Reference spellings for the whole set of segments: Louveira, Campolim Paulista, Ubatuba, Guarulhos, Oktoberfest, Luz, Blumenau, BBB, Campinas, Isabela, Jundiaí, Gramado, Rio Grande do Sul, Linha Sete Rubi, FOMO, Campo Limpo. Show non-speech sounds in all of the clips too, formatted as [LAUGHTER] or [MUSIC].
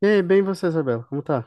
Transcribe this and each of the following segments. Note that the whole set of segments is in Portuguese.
E aí, bem você, Isabela, como tá?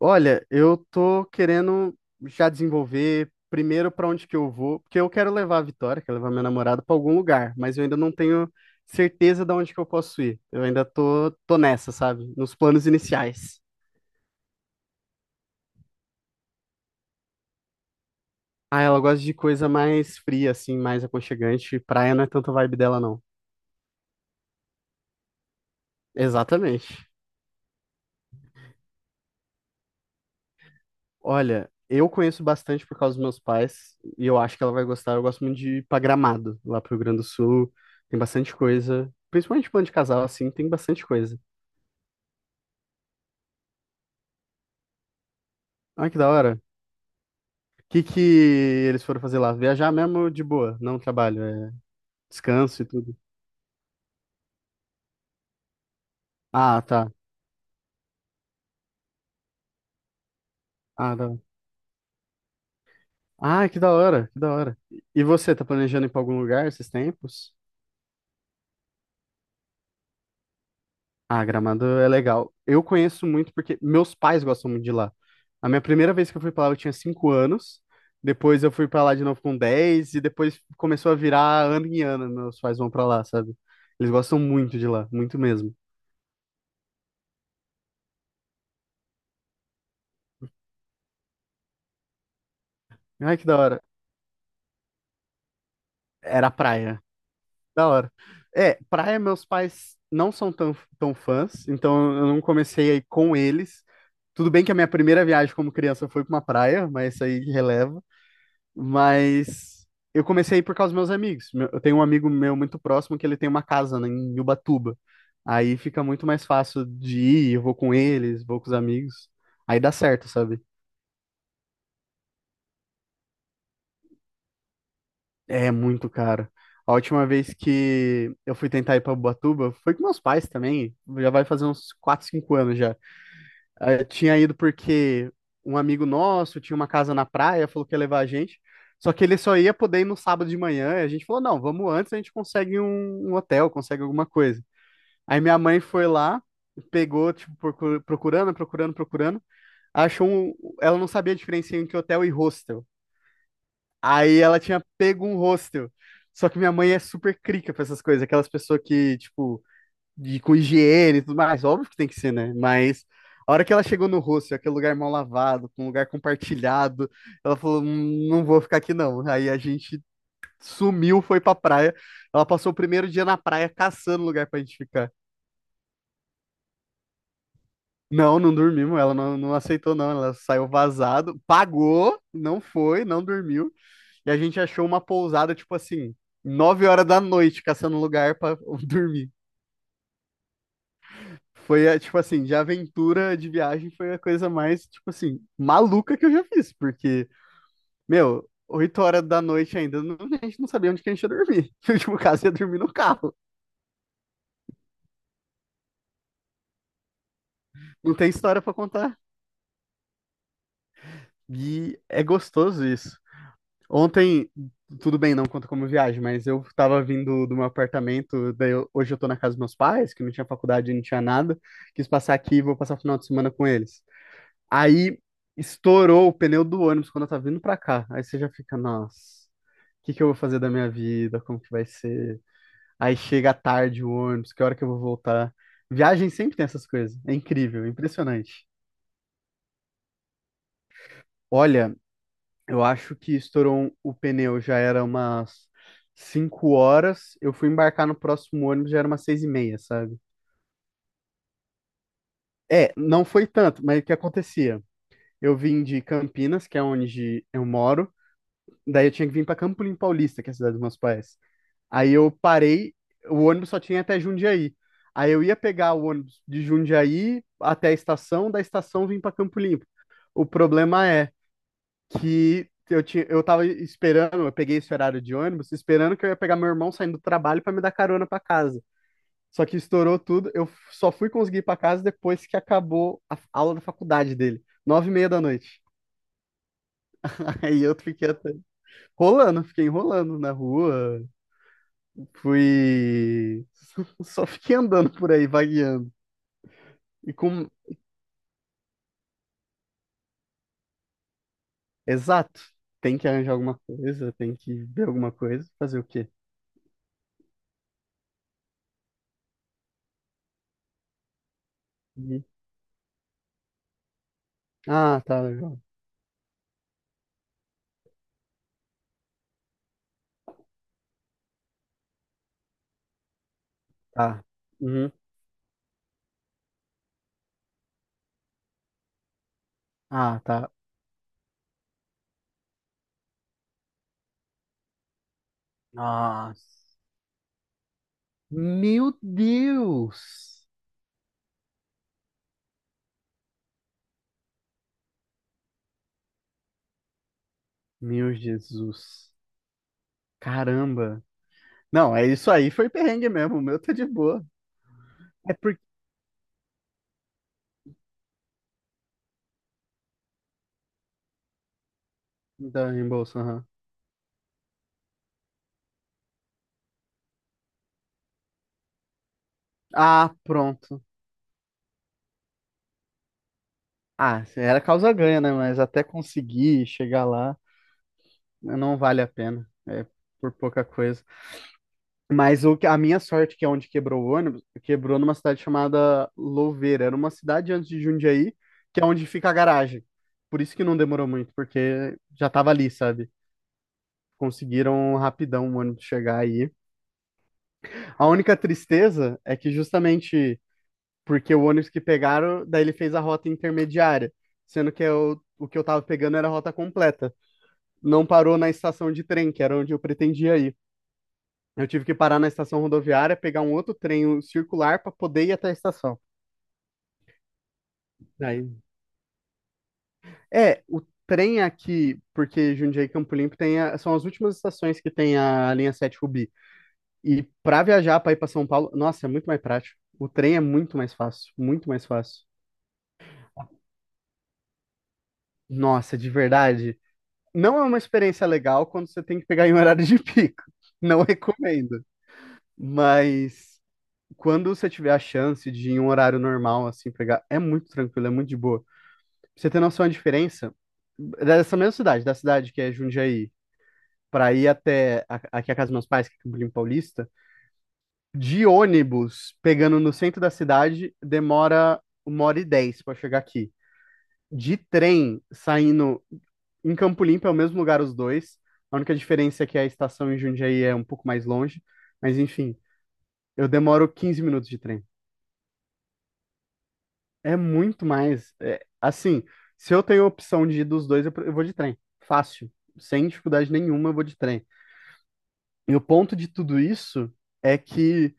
Olha, eu tô querendo já desenvolver primeiro pra onde que eu vou, porque eu quero levar a Vitória, quero levar minha namorada pra algum lugar, mas eu ainda não tenho certeza de onde que eu posso ir. Eu ainda tô nessa, sabe? Nos planos iniciais. Ah, ela gosta de coisa mais fria, assim, mais aconchegante. Praia não é tanto a vibe dela, não. Exatamente. Olha, eu conheço bastante por causa dos meus pais e eu acho que ela vai gostar. Eu gosto muito de ir pra Gramado, lá pro Rio Grande do Sul. Tem bastante coisa, principalmente plano de casal, assim, tem bastante coisa. Olha que da hora. O que que eles foram fazer lá? Viajar mesmo de boa, não trabalho, é descanso e tudo. Ah, tá. Ah, tá. Ah, que da hora, que da hora. E você, tá planejando ir pra algum lugar esses tempos? Ah, Gramado é legal. Eu conheço muito porque meus pais gostam muito de lá. A minha primeira vez que eu fui pra lá eu tinha 5 anos. Depois eu fui pra lá de novo com 10 e depois começou a virar ano em ano. Meus pais vão pra lá, sabe? Eles gostam muito de lá, muito mesmo. Ai, que da hora. Era praia. Da hora. É, praia meus pais não são tão, tão fãs, então eu não comecei aí com eles. Tudo bem que a minha primeira viagem como criança foi pra uma praia, mas isso aí releva. Mas eu comecei a ir por causa dos meus amigos. Eu tenho um amigo meu muito próximo que ele tem uma casa, né, em Ubatuba. Aí fica muito mais fácil de ir, eu vou com eles, vou com os amigos. Aí dá certo, sabe? É muito caro. A última vez que eu fui tentar ir pra Ubatuba foi com meus pais também. Já vai fazer uns 4, 5 anos já. Tinha ido porque um amigo nosso tinha uma casa na praia, falou que ia levar a gente. Só que ele só ia poder ir no sábado de manhã. E a gente falou: não, vamos antes, a gente consegue um hotel, consegue alguma coisa. Aí minha mãe foi lá, pegou, tipo, procurando, procurando, procurando. Achou um. Ela não sabia a diferença entre hotel e hostel. Aí ela tinha pego um hostel. Só que minha mãe é super crica pra essas coisas, aquelas pessoas que, tipo de, com higiene e tudo mais, óbvio que tem que ser, né? Mas a hora que ela chegou no hostel, aquele lugar mal lavado, com um lugar compartilhado, ela falou: não vou ficar aqui não." Aí a gente sumiu, foi pra praia. Ela passou o primeiro dia na praia caçando lugar pra gente ficar. Não, não dormimos, ela não, não aceitou, não. Ela saiu vazado, pagou, não foi, não dormiu. E a gente achou uma pousada, tipo assim, 9 horas da noite, caçando lugar pra [LAUGHS] dormir. Foi, é, tipo assim, de aventura de viagem foi a coisa mais, tipo assim, maluca que eu já fiz, porque, meu, 8 horas da noite ainda, a gente não sabia onde que a gente ia dormir. [LAUGHS] No último caso, ia dormir no carro. Não tem história pra contar. E é gostoso isso. Ontem, tudo bem, não conta como viagem, mas eu tava vindo do meu apartamento, daí hoje eu tô na casa dos meus pais, que não tinha faculdade, não tinha nada, quis passar aqui e vou passar o final de semana com eles. Aí estourou o pneu do ônibus quando eu tava vindo pra cá. Aí você já fica, nossa, o que que eu vou fazer da minha vida? Como que vai ser? Aí chega tarde o ônibus, que hora que eu vou voltar? Viagem sempre tem essas coisas. É incrível, é impressionante. Olha, eu acho que estourou o pneu, já era umas 5 horas. Eu fui embarcar no próximo ônibus, já era umas 6h30, sabe? É, não foi tanto, mas o que acontecia? Eu vim de Campinas, que é onde eu moro. Daí eu tinha que vir para Campolim Paulista, que é a cidade dos meus pais. Aí eu parei, o ônibus só tinha até Jundiaí. Aí eu ia pegar o ônibus de Jundiaí até a estação, da estação vim para Campo Limpo. O problema é que eu tava esperando, eu peguei esse horário de ônibus, esperando que eu ia pegar meu irmão saindo do trabalho para me dar carona para casa. Só que estourou tudo, eu só fui conseguir ir para casa depois que acabou a aula da faculdade dele, 9h30 da noite. [LAUGHS] Aí eu fiquei até rolando, fiquei enrolando na rua. Fui. [LAUGHS] Só fiquei andando por aí, vagueando. E com. Exato. Tem que arranjar alguma coisa, tem que ver alguma coisa. Fazer o quê? Uhum. Ah, tá, legal. Tá. Uhum. Ah, tá. Nossa. Meu Deus! Meu Jesus. Caramba. Não, é isso aí, foi perrengue mesmo. O meu tá de boa. É porque. Da reembolso, aham. Ah, pronto. Ah, era causa ganha, né? Mas até conseguir chegar lá. Não vale a pena. É por pouca coisa. Mas a minha sorte, que é onde quebrou o ônibus, quebrou numa cidade chamada Louveira. Era uma cidade antes de Jundiaí, que é onde fica a garagem. Por isso que não demorou muito, porque já tava ali, sabe? Conseguiram rapidão o ônibus chegar aí. A única tristeza é que justamente porque o ônibus que pegaram, daí ele fez a rota intermediária, sendo que eu, o que eu tava pegando era a rota completa. Não parou na estação de trem, que era onde eu pretendia ir. Eu tive que parar na estação rodoviária, pegar um outro trem, um circular, para poder ir até a estação. Aí, é, o trem aqui, porque Jundiaí e Campo Limpo são as últimas estações que tem a linha 7 Rubi. E para viajar para ir para São Paulo, nossa, é muito mais prático. O trem é muito mais fácil, muito mais fácil. Nossa, de verdade, não é uma experiência legal quando você tem que pegar em horário de pico. Não [LAUGHS] recomendo. Mas quando você tiver a chance de ir em um horário normal assim pegar, é muito tranquilo, é muito de boa. Pra você ter noção da diferença, dessa mesma cidade, da cidade que é Jundiaí, pra ir aqui a casa dos meus pais, que é Campo Limpo Paulista, de ônibus, pegando no centro da cidade, demora 1h10 pra chegar aqui. De trem, saindo em Campo Limpo, é o mesmo lugar os dois. A única diferença é que a estação em Jundiaí é um pouco mais longe, mas enfim, eu demoro 15 minutos de trem. É muito mais. É, assim, se eu tenho a opção de ir dos dois, eu vou de trem. Fácil. Sem dificuldade nenhuma, eu vou de trem. E o ponto de tudo isso é que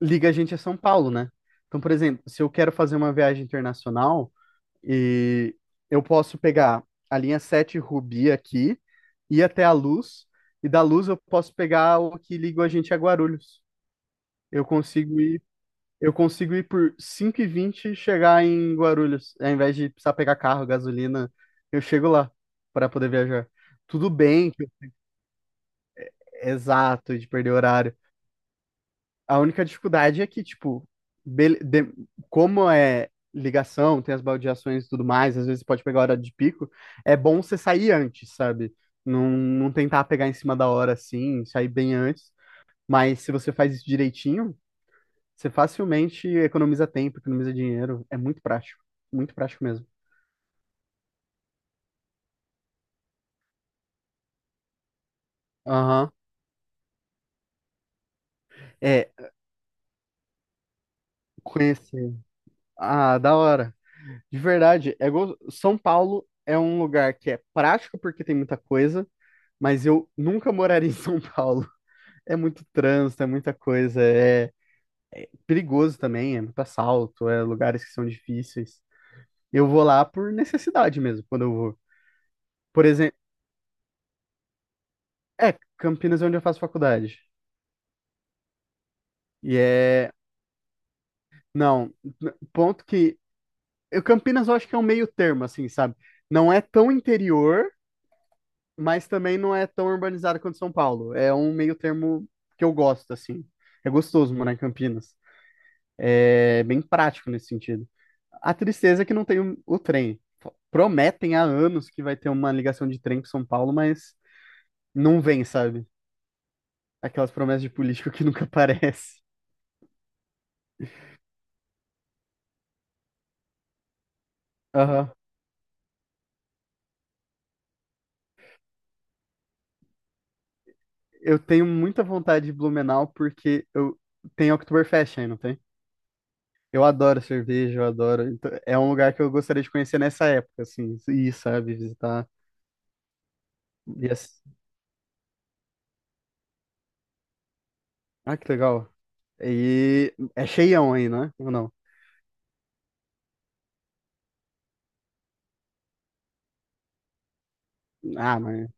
liga a gente a São Paulo, né? Então, por exemplo, se eu quero fazer uma viagem internacional e eu posso pegar a linha 7 Rubi aqui, ir até a Luz, e da Luz eu posso pegar o que liga a gente a Guarulhos. Eu consigo ir eu consigo ir por cinco e vinte e chegar em Guarulhos. Ao invés de precisar pegar carro, gasolina, eu chego lá para poder viajar. Tudo bem, exato, de perder horário. A única dificuldade é que, tipo, bele- de- como é ligação, tem as baldeações e tudo mais, às vezes pode pegar hora de pico, é bom você sair antes, sabe? Não, não tentar pegar em cima da hora assim, sair bem antes. Mas se você faz isso direitinho, você facilmente economiza tempo, economiza dinheiro. É muito prático. Muito prático mesmo. Aham. É, conhecer. Ah, da hora. De verdade, São Paulo é um lugar que é prático porque tem muita coisa, mas eu nunca moraria em [LAUGHS] São Paulo. É muito trânsito, é muita coisa, é perigoso também, é muito assalto, é lugares que são difíceis. Eu vou lá por necessidade mesmo, quando eu vou. Por exemplo, é, Campinas é onde eu faço faculdade. E é. Não, ponto que eu, Campinas eu acho que é um meio termo, assim, sabe? Não é tão interior, mas também não é tão urbanizado quanto São Paulo. É um meio termo que eu gosto, assim. É gostoso morar em Campinas. É bem prático nesse sentido. A tristeza é que não tem o trem. Prometem há anos que vai ter uma ligação de trem para São Paulo, mas não vem, sabe? Aquelas promessas de político que [LAUGHS] nunca aparece. Aham. Eu tenho muita vontade de Blumenau porque eu tem Oktoberfest aí, não tem? Eu adoro cerveja, eu adoro. Então, é um lugar que eu gostaria de conhecer nessa época, assim, ir, sabe, visitar. E assim- Ah, que legal. E é cheião aí, né? Ou não? Ah, mas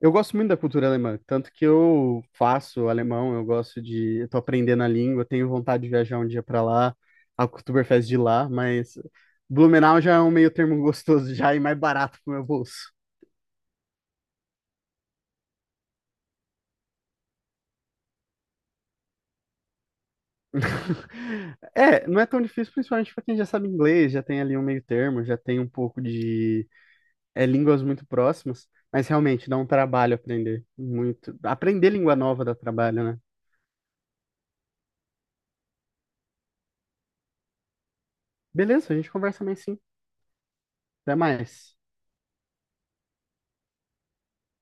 eu gosto muito da cultura alemã, tanto que eu faço alemão, eu gosto de, eu tô aprendendo a língua, tenho vontade de viajar um dia pra lá, a Oktoberfest de lá, mas Blumenau já é um meio termo gostoso já e mais barato pro meu bolso. [LAUGHS] É, não é tão difícil, principalmente para quem já sabe inglês, já tem ali um meio termo, já tem um pouco de línguas muito próximas, mas realmente dá um trabalho aprender muito. Aprender língua nova dá trabalho, né? Beleza, a gente conversa mais sim. Até mais.